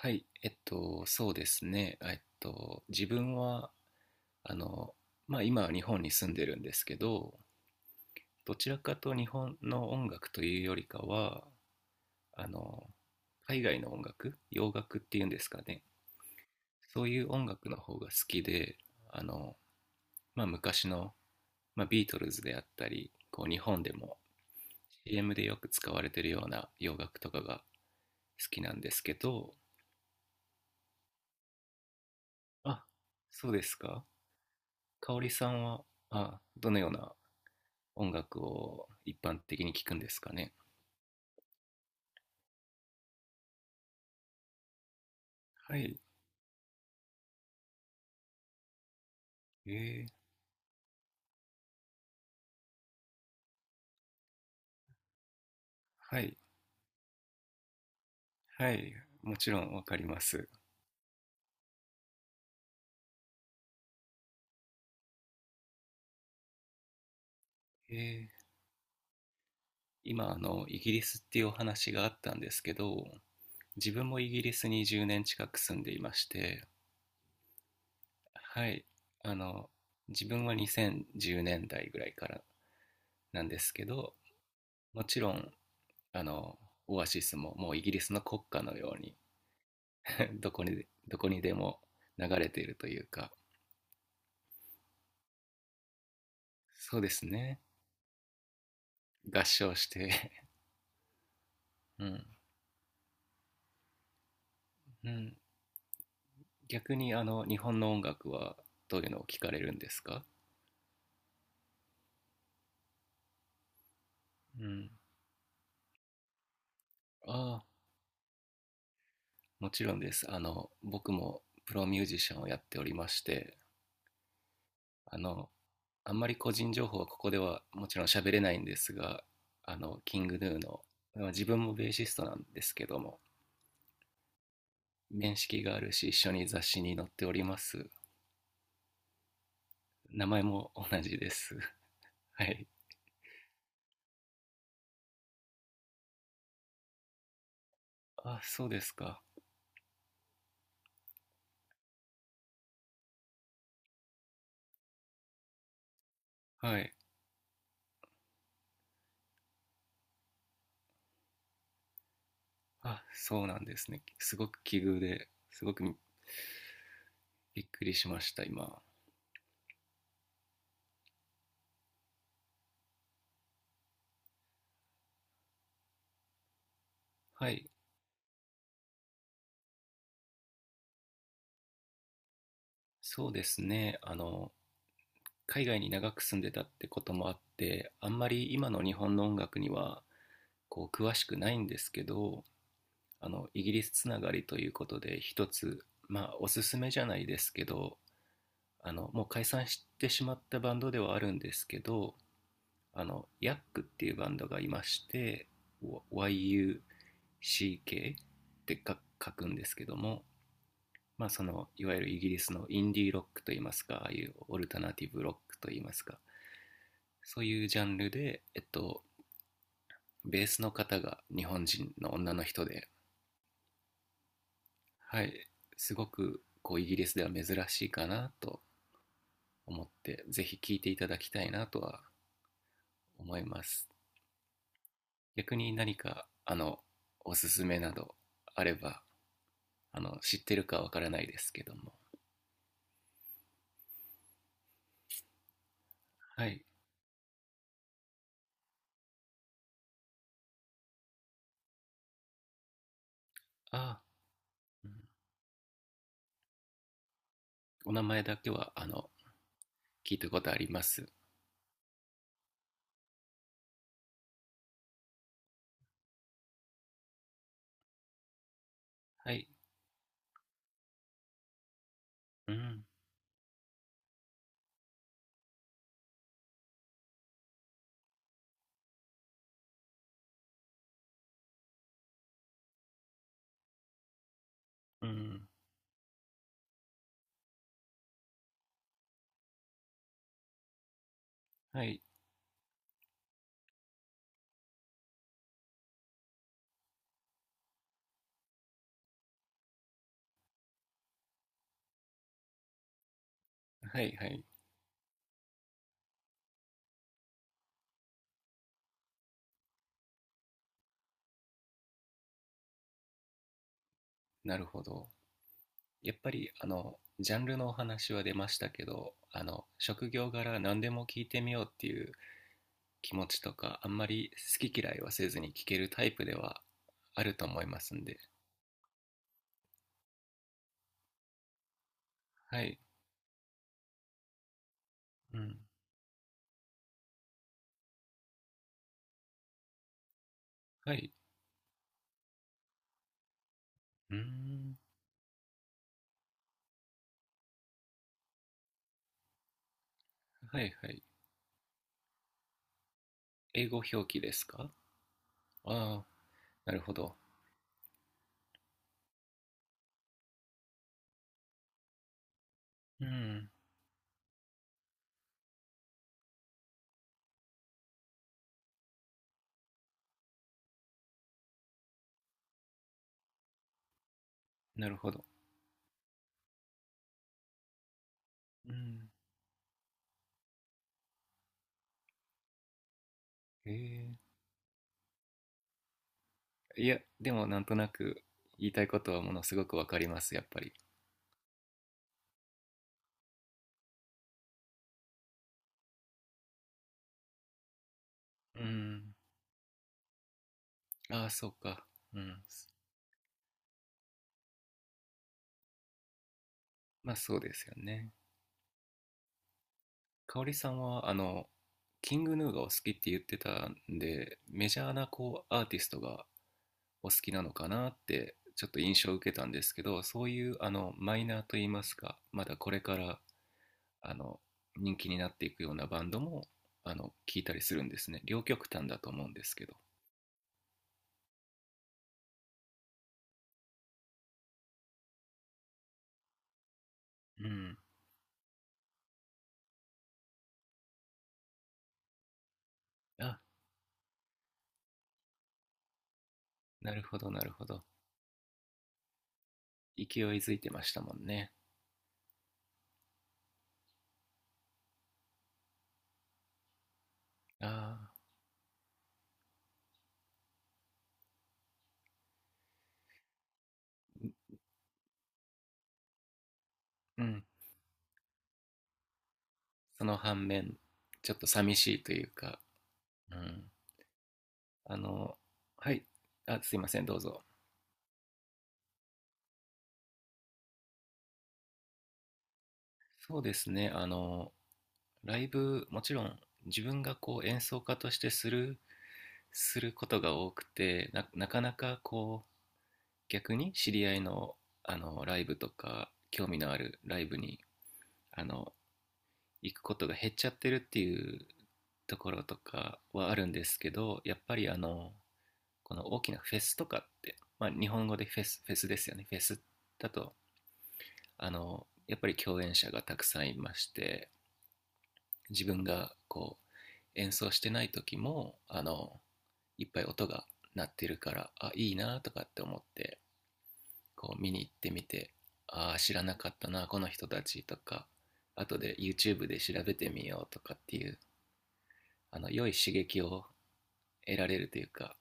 はい、そうですね。自分は、あの、まあ今は日本に住んでるんですけど、どちらかと日本の音楽というよりかは、あの、海外の音楽、洋楽っていうんですかね。そういう音楽の方が好きで、あの、まあ昔の、まあ、ビートルズであったり、こう日本でも CM でよく使われてるような洋楽とかが好きなんですけど、あ、そうですか。香織さんは、あ、どのような音楽を一般的に聞くんですかね。はい。えー、はい。はい。もちろんわかります。えー、今、イギリスっていうお話があったんですけど、自分もイギリスに10年近く住んでいまして、はい。あの、自分は2010年代ぐらいからなんですけど、もちろん、あの、オアシスももうイギリスの国歌のように どこにでも流れているというか、そうですね。合唱して うん。うん、逆にあの日本の音楽はどういうのを聞かれるんですか。うん、ああ、もちろんです。あの、僕もプロミュージシャンをやっておりまして、あの、あんまり個人情報はここではもちろん喋れないんですが、キングヌーの、まあ自分もベーシストなんですけども、面識があるし、一緒に雑誌に載っております。名前も同じです。はい。あ、そうですか。はい。あ、そうなんですね。すごく奇遇で、すごくびっくりしました、今。はい。そうですね。海外に長く住んでたってこともあって、あんまり今の日本の音楽には、こう、詳しくないんですけど、イギリスつながりということで、一つ、まあ、おすすめじゃないですけど、もう解散してしまったバンドではあるんですけど、ヤックっていうバンドがいまして、YUCK って書くんですけども、まあそのいわゆるイギリスのインディーロックといいますか、ああいうオルタナティブロックといいますか、そういうジャンルで、えっと、ベースの方が日本人の女の人で、はい、すごくこうイギリスでは珍しいかなと思って、ぜひ聴いていただきたいなとは思います。逆に何かあのおすすめなどあれば、あの、知ってるかわからないですけども。はい。あ、お名前だけはあの聞いたことあります。はい。うんうん。はい。はいはい。なるほど。やっぱり、あの、ジャンルのお話は出ましたけど、あの、職業柄何でも聞いてみようっていう気持ちとか、あんまり好き嫌いはせずに聞けるタイプではあると思いますんで。はい。うん。はい。うーん。はいはい。英語表記ですか。ああ、なるほど。うん。なるほど。うん。ええ。いや、でもなんとなく言いたいことはものすごくわかります、やっぱり。うん。ああ、そうか。うん。まあそうですよね。香織さんは、あの、キングヌーがお好きって言ってたんで、メジャーなこうアーティストがお好きなのかなってちょっと印象を受けたんですけど、そういうあのマイナーといいますか、まだこれから、あの、人気になっていくようなバンドもあの聞いたりするんですね。両極端だと思うんですけど。うん。あ、なるほど。勢いづいてましたもんね。ああ、うん。その反面、ちょっと寂しいというか、うん。あの、はい。あ、すいません、どうぞ。そうですね、あの、ライブ、もちろん自分がこう演奏家としてする、することが多くて、なかなかこう、逆に知り合いの、あの、ライブとか、興味のあるライブに、あの、行くことが減っちゃってるっていうところとかはあるんですけど、やっぱりあの、この大きなフェスとかって、まあ、日本語でフェスですよね、フェスだと、あのやっぱり共演者がたくさんいまして、自分がこう演奏してない時もあのいっぱい音が鳴ってるから、あ、いいなとかって思って、こう見に行ってみて、あ、知らなかったなこの人たち、とか後で YouTube で調べてみようとかっていう、あの、良い刺激を得られるというか。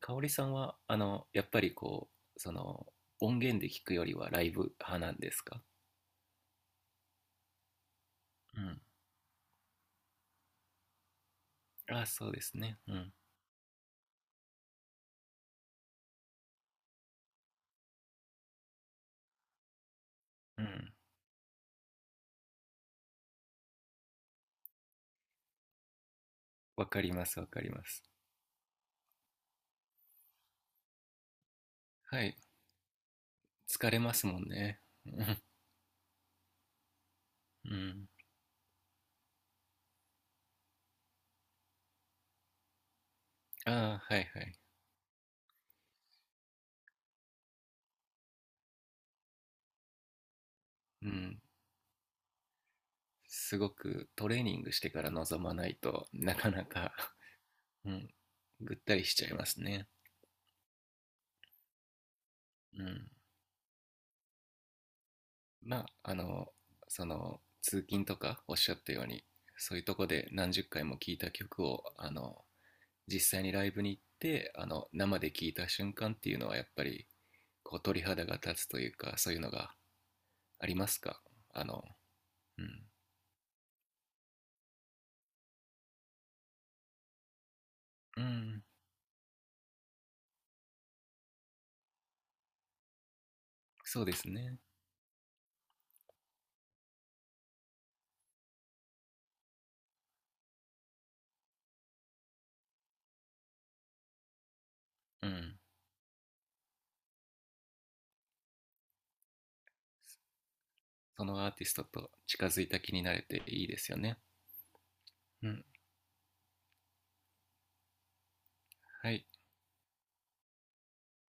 香織さんは、あの、やっぱりこう、その、音源で聞くよりはライブ派なんですか。うん。あ、そうですね。うん。うん。わかります、わかります。はい。疲れますもんね。うん。ああー、はいはい。うん。すごくトレーニングしてから臨まないとなかなか、うん、ぐったりしちゃいますね。うん。まあ、あの、その、通勤とかおっしゃったように、そういうとこで何十回も聴いた曲を、あの、実際にライブに行ってあの生で聴いた瞬間っていうのはやっぱりこう鳥肌が立つというか、そういうのがありますか、あの。うん、うん、そうですね。うん。そのアーティストと近づいた気になれていいですよね。うん。はい。